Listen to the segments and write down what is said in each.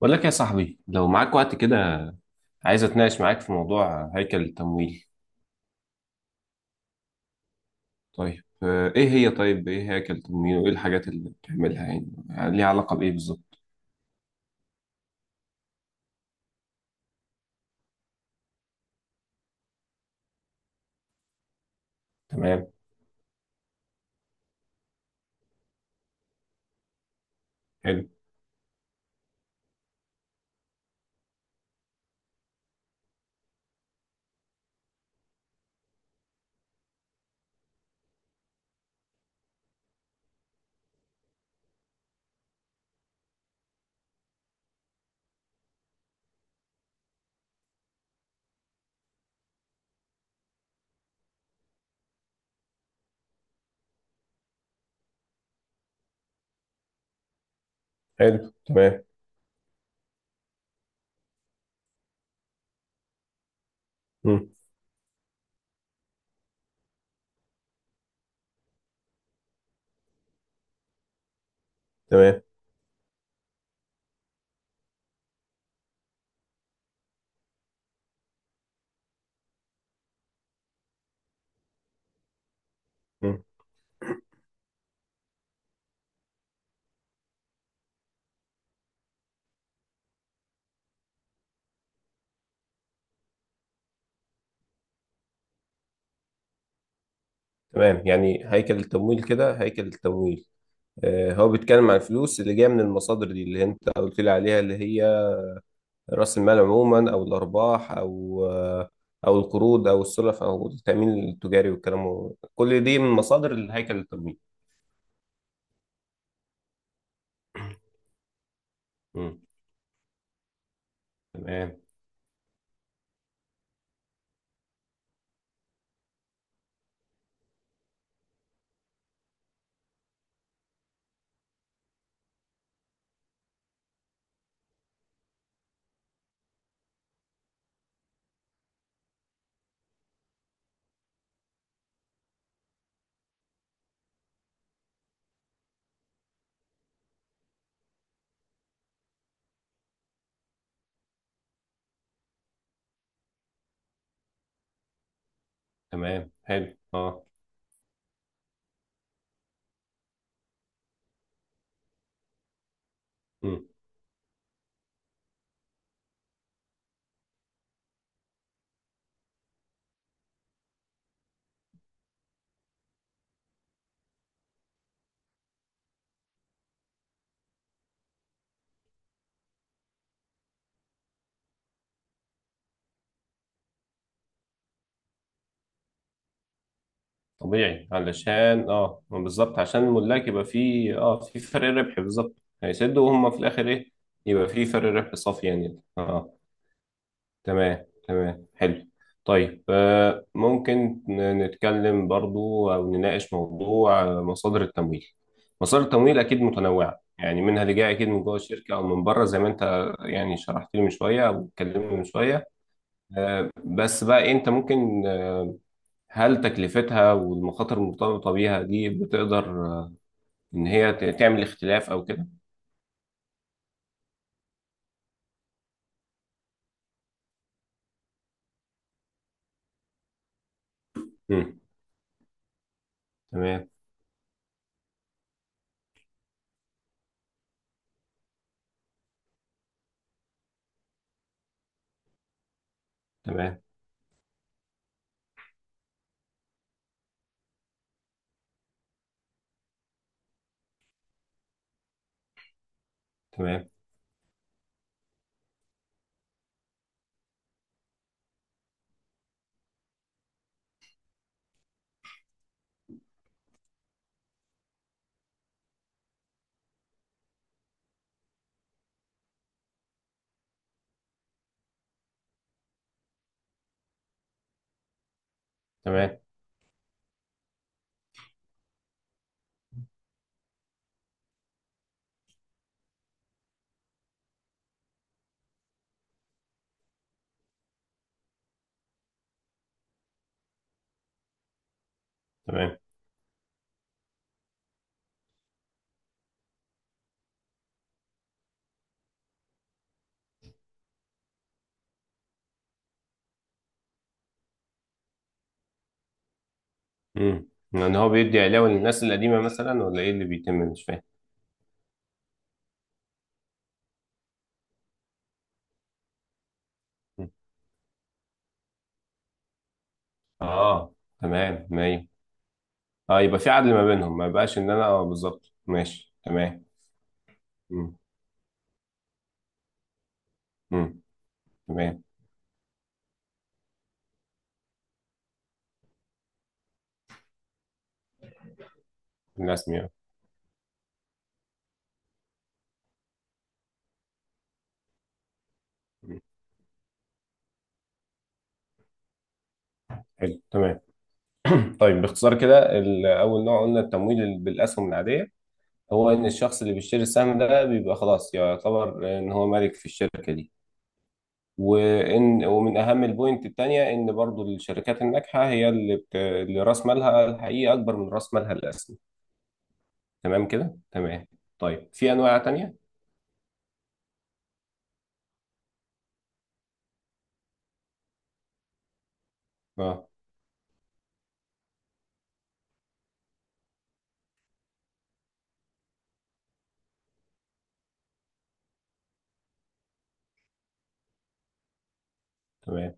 بقول لك يا صاحبي لو معاك وقت كده، عايز اتناقش معاك في موضوع هيكل التمويل. طيب، ايه هي طيب ايه هيكل التمويل وايه الحاجات اللي بتعملها يعني ليها علاقة بايه بالظبط؟ تمام، حلو، حلو، تمام. مم. تمام. مم. تمام، يعني هيكل التمويل كده، هيكل التمويل هو بيتكلم عن الفلوس اللي جايه من المصادر دي اللي انت قلت لي عليها، اللي هي راس المال عموما او الارباح او القروض او السلف او التامين التجاري والكلام. كل دي من مصادر الهيكل التمويل. مم. تمام، تمام، حلو، اه. مم. طبيعي، علشان ما بالظبط، عشان الملاك يبقى فيه في فرق ربح بالظبط. هيسدوا وهم في الاخر ايه؟ يبقى في فرق ربح صافي، يعني. اه تمام، تمام، حلو. طيب، ممكن نتكلم برضو او نناقش موضوع مصادر التمويل. مصادر التمويل اكيد متنوعة، يعني منها اللي جاي اكيد من جوه الشركة او من بره، زي ما انت يعني شرحت لي من شوية او اتكلمنا من شوية. بس بقى إيه، انت ممكن، هل تكلفتها والمخاطر المرتبطة بيها دي بتقدر، إن هي تعمل اختلاف أو كده؟ مم. تمام. تمام. تمام. تمام. تمام. مم. يعني هو بيدي علاوة للناس القديمة مثلا ولا إيه اللي بيتم؟ مش فاهم. مم. آه، تمام، ما هي. آه، يبقى في عدل ما بينهم، ما يبقاش إن أنا بالظبط، ماشي، تمام. مم. مم. تمام. الرسمي، آه. مم. حلو، تمام. طيب، باختصار كده، أول نوع قلنا التمويل بالأسهم العادية، هو ان الشخص اللي بيشتري السهم ده بيبقى خلاص يعتبر ان هو مالك في الشركه دي. ومن اهم البوينت التانية ان برضو الشركات الناجحه هي اللي راس مالها الحقيقي اكبر من راس مالها الاسمي. تمام كده، تمام. طيب، في انواع تانية؟ اه، تمام،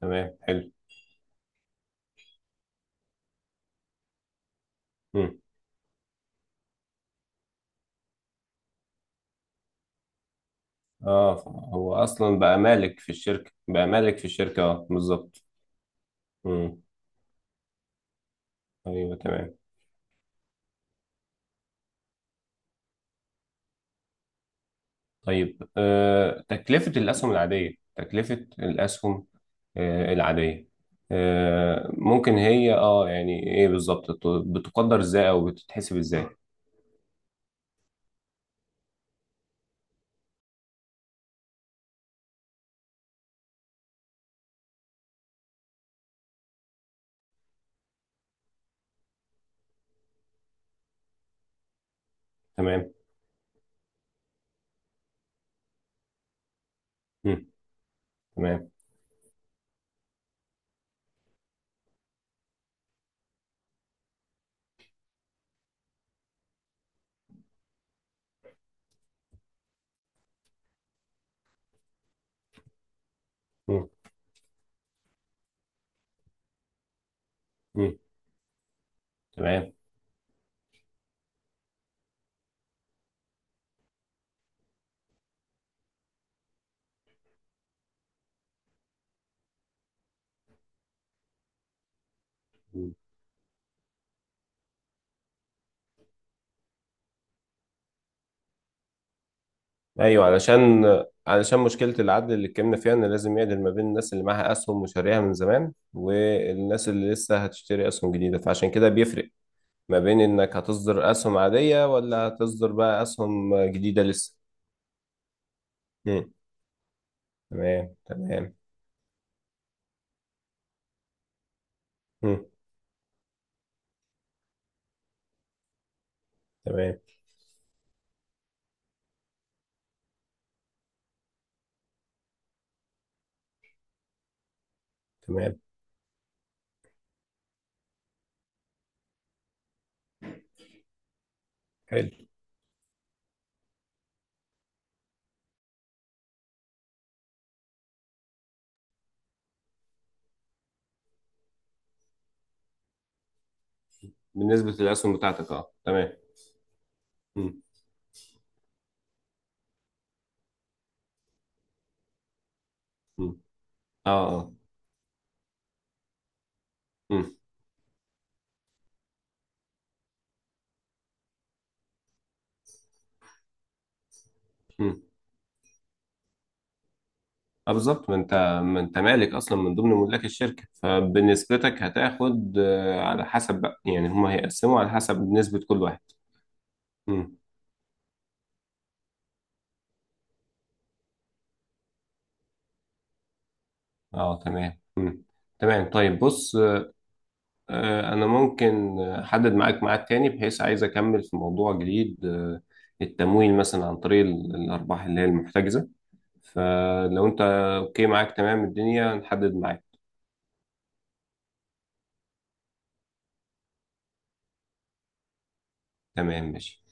تمام، حلو. مم. اه، هو اصلا بقى مالك في الشركه، بقى مالك في الشركه، اه بالظبط. مم. ايوه، تمام. طيب، تكلفة الأسهم العادية، ممكن هي يعني ايه بالظبط؟ بتقدر ازاي او بتتحسب ازاي؟ تمام. مم. تمام. مم. مم. تمام. ايوه، علشان مشكله العدل اللي اتكلمنا فيها، ان لازم يعدل ما بين الناس اللي معاها اسهم وشاريها من زمان والناس اللي لسه هتشتري اسهم جديده، فعشان كده بيفرق ما بين انك هتصدر اسهم عاديه ولا هتصدر بقى اسهم جديده لسه. مم. تمام، تمام. مم. تمام، تمام، حلو. بالنسبه للاسهم بتاعتك، اه تمام. مم. مم. اه، اه. مم. مم. اه بالظبط، ما انت مالك اصلا من ضمن ملاك الشركه، فبنسبتك هتاخد على حسب بقى، يعني هم هيقسموا على حسب نسبه كل واحد. امم. اه، تمام، امم. تمام. طيب، بص، انا ممكن احدد معاك ميعاد تاني، بحيث عايز اكمل في موضوع جديد، التمويل مثلا عن طريق الارباح اللي هي المحتجزه. فلو انت اوكي معاك، تمام الدنيا نحدد معاك. تمام، ماشي.